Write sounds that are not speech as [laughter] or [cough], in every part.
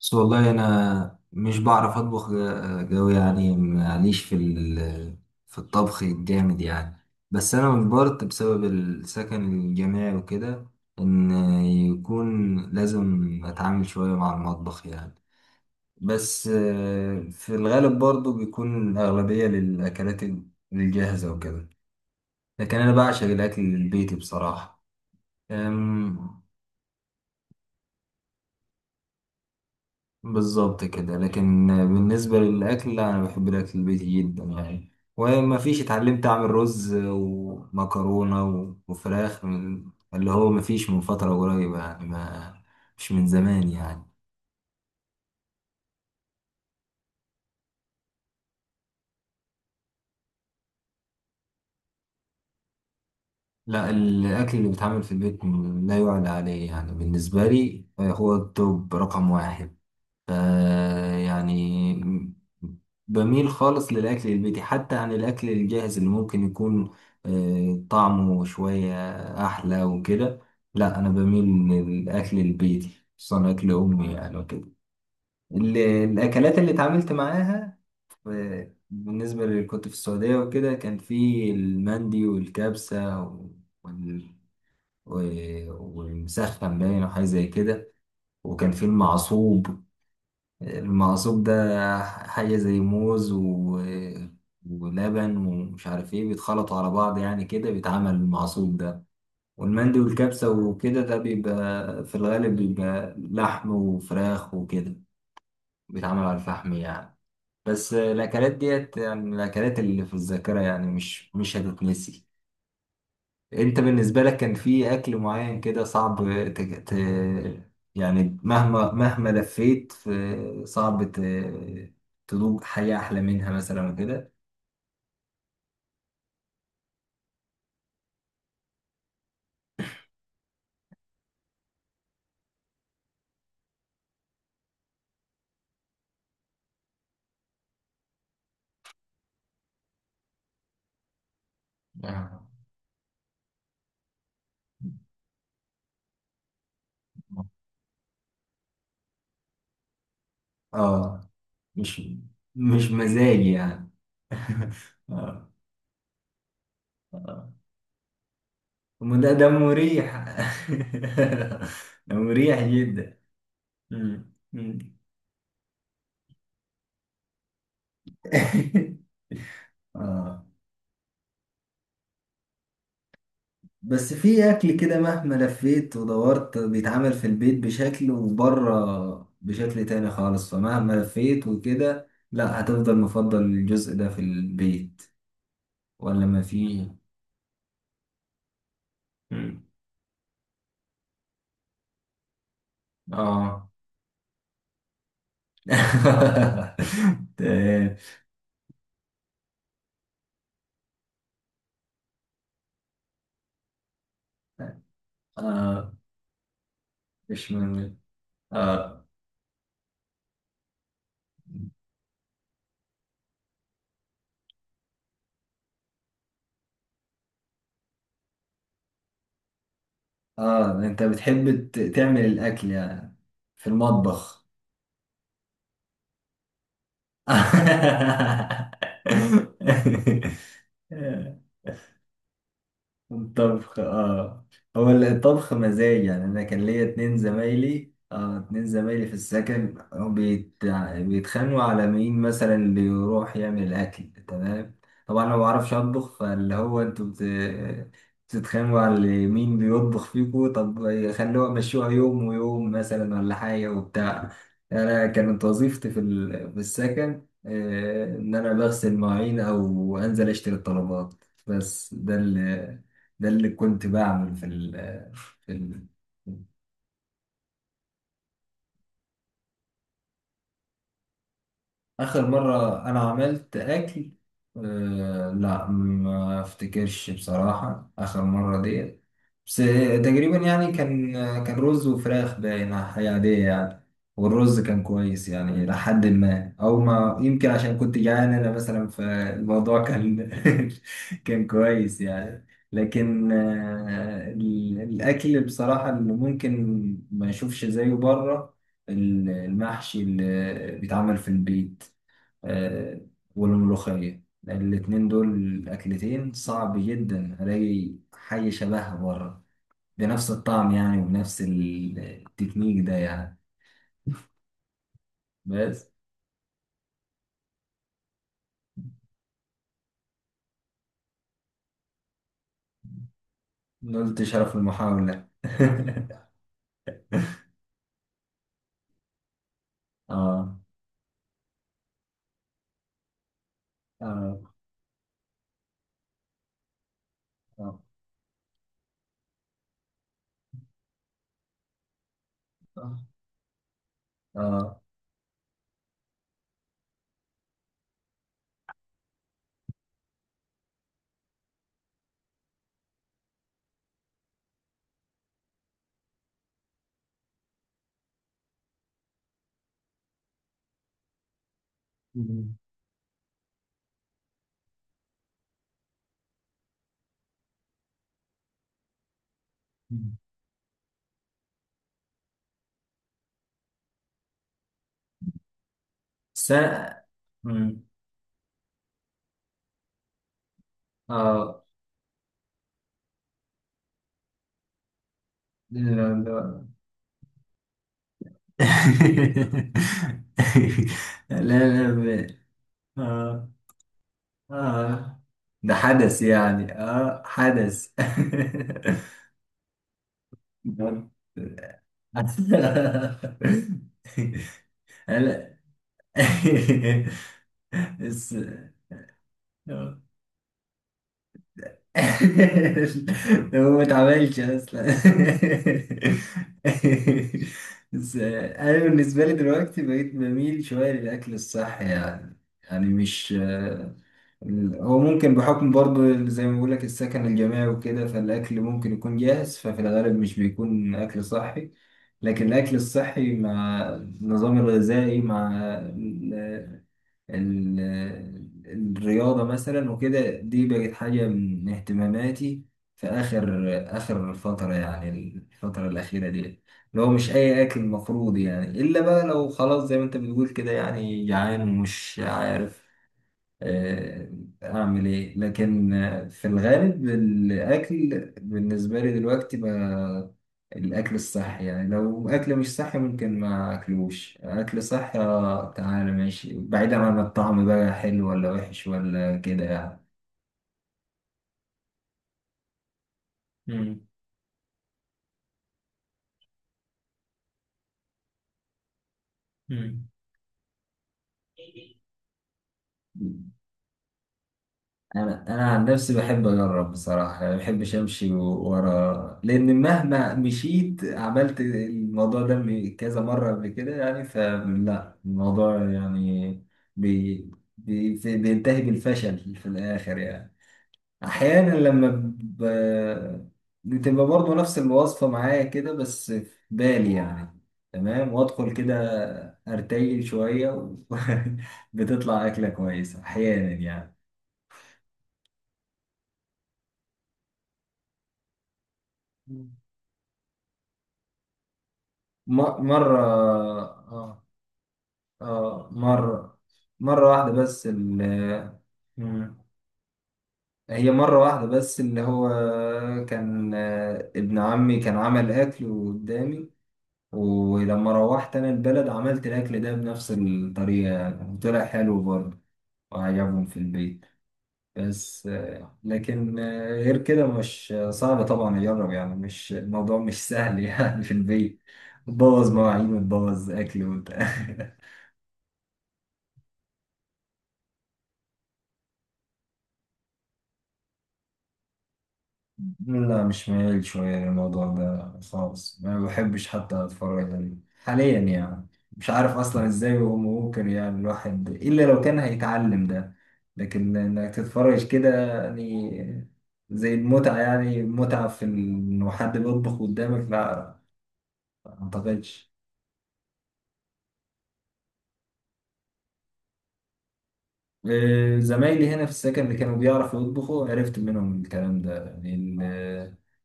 بس والله انا مش بعرف اطبخ قوي يعني، معليش. في الطبخ الجامد يعني. بس انا مجبرت بسبب السكن الجامعي وكده، ان يكون لازم اتعامل شوية مع المطبخ يعني. بس في الغالب برضو بيكون الاغلبية للاكلات الجاهزة وكده. لكن انا بعشق الاكل البيتي بصراحة. بالظبط كده، لكن بالنسبة للأكل، لا، أنا بحب الأكل البيتي جدا يعني، وما فيش اتعلمت أعمل رز ومكرونة وفراخ من اللي هو، ما فيش من فترة قريبة يعني. ما مش من زمان يعني. لا، الأكل اللي بيتعمل في البيت لا يعلى عليه يعني، بالنسبة لي هو التوب رقم واحد. ف- يعني بميل خالص للأكل البيتي، حتى عن الأكل الجاهز اللي ممكن يكون طعمه شوية أحلى وكده. لا، أنا بميل للأكل البيتي، خصوصا أكل أمي يعني وكده. الأكلات اللي اتعاملت معاها، بالنسبة اللي كنت في السعودية وكده، كان في المندي والكبسة وال- و- والمسخن باين، وحاجة زي كده. وكان في المعصوب. المقصوب ده حاجة زي موز ولبن ومش عارف ايه، بيتخلطوا على بعض يعني، كده بيتعمل المعصوب ده. والمندي والكبسة وكده، ده بيبقى في الغالب، بيبقى لحم وفراخ وكده، بيتعمل على الفحم يعني. بس الأكلات ديت يعني، الأكلات اللي في الذاكرة يعني مش هتتنسي. انت بالنسبة لك كان في اكل معين كده صعب ت... ت... يعني مهما لفيت في، صعب تدوق حياة احلى منها مثلا وكده. آه. اه، مش مش مزاجي يعني. [laughs] اه، اه، أما ده مريح. [laughs] ده مريح جدا. مم. مم. [laughs] اه. بس في اكل كده، مهما لفيت ودورت، بيتعمل في البيت بشكل وبره بشكل تاني خالص، فمهما لفيت وكده، لا، هتفضل مفضل الجزء ده في البيت ولا ما في. مم. اه. [laughs] تمام. اه. مش مهم. اه، اه، انت بتحب تعمل الاكل يعني، في المطبخ. [laughs] الطبخ. اه، هو الطبخ مزاج يعني. انا كان ليا اتنين زمايلي، في السكن. بيتخانقوا على مين مثلا اللي يروح يعمل الاكل. تمام، طبعا انا ما بعرفش اطبخ، فاللي هو انتوا بتتخانقوا على مين بيطبخ فيكوا؟ طب خلوها مشوها يوم ويوم مثلا، ولا حاجة وبتاع. انا كانت وظيفتي في السكن ان انا بغسل مواعين او انزل اشتري الطلبات. بس ده اللي كنت بعمل في ال في ال آخر مرة أنا عملت أكل. أه، لا ما أفتكرش بصراحة آخر مرة ديت. بس تقريبا يعني، كان رز وفراخ باينة، حاجة عادية يعني. والرز كان كويس يعني، إلى حد ما، أو ما يمكن عشان كنت جعان أنا مثلا، فالموضوع كان [laughs] كان كويس يعني. لكن الأكل بصراحة اللي ممكن ما أشوفش زيه بره، المحشي اللي بيتعمل في البيت آه، والملوخية. الاتنين دول أكلتين صعب جدا ألاقي حاجة شبهها بره، بنفس الطعم يعني، وبنفس التكنيك ده يعني. بس نلت شرف المحاولة. [laughs] آه. آه. آه. آه. آه. مم. س مم. آه. لا، لا. [laughs] لا. لا، آه. آه. ده حدث يعني، آه حدث. [laughs] ده- [laughs] هلا. [laughs] بس. [laughs] هو ما اتعملش اصلا. [laughs] بس انا بالنسبه لي دلوقتي بقيت بميل شويه للاكل الصحي يعني. يعني مش. هو ممكن بحكم برضو، زي ما بقولك، السكن الجامعي وكده، فالاكل ممكن يكون جاهز، ففي الغالب مش بيكون اكل صحي. لكن الاكل الصحي، مع النظام الغذائي، مع الرياضة مثلا وكده، دي بقت حاجة من اهتماماتي في آخر، فترة يعني، الفترة الأخيرة دي، اللي هو مش أي أكل المفروض يعني، إلا بقى لو خلاص زي ما أنت بتقول كده، يعني جعان ومش عارف آه، اعمل ايه. لكن في الغالب، الاكل بالنسبه لي دلوقتي بقى الاكل الصحي يعني. لو اكل مش صحي، ممكن ما اكلوش. اكل صحي تعالى ماشي، بعيدا عن الطعم بقى حلو ولا وحش ولا كده يعني. مم. مم. انا عن نفسي بحب اجرب بصراحه يعني، ما بحبش امشي ورا، لان مهما مشيت، عملت الموضوع ده كذا مره قبل كده يعني، فلا الموضوع يعني بي بينتهي بالفشل في الاخر يعني. احيانا لما ب... بتبقى برضه نفس الوصفه معايا كده، بس في بالي يعني، تمام، وادخل كده ارتجل شويه [laughs] بتطلع اكله كويسه احيانا يعني. م- مرة آه آه مرة مرة واحدة بس. ال مم. هي مرة واحدة بس، اللي هو كان ابن عمي كان عمل أكل قدامي، ولما روحت أنا البلد عملت الأكل ده بنفس الطريقة يعني، وطلع حلو برضه، وعجبهم في البيت. بس لكن غير كده مش صعب طبعا أجرب يعني، مش الموضوع مش سهل [laughs] يعني، في البيت بوظ مواعين وتبوظ أكل وبتاع. [laughs] لا، مش ميال شوية للموضوع ده خالص، ما بحبش حتى أتفرج عليه حاليا يعني. مش عارف أصلا إزاي هو ممكن يعني الواحد، إلا لو كان هيتعلم ده، لكن إنك تتفرج كده يعني، زي المتعة يعني، متعة في إنه حد بيطبخ قدامك، لا، ما أعتقدش. زمايلي هنا في السكن اللي كانوا بيعرفوا يطبخوا، عرفت منهم الكلام ده يعني.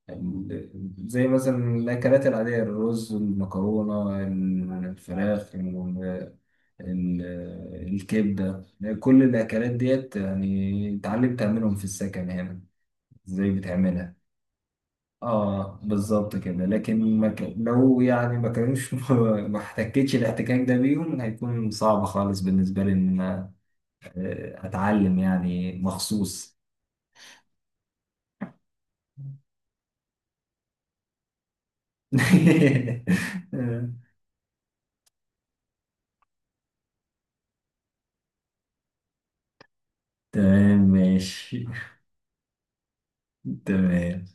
ال- زي مثلا الأكلات العادية، الرز، المكرونة، الفراخ، ال- الكبدة. كل الأكلات ديت يعني اتعلمت أعملهم في السكن هنا. ازاي بتعملها؟ اه، بالظبط كده. لكن ما ك... لو يعني ما كانوش [laughs] ما احتكتش الاحتكاك ده بيهم، هيكون صعب خالص بالنسبة لي اتعلم يعني مخصوص. [laughs] آه، تمام ماشي. تمام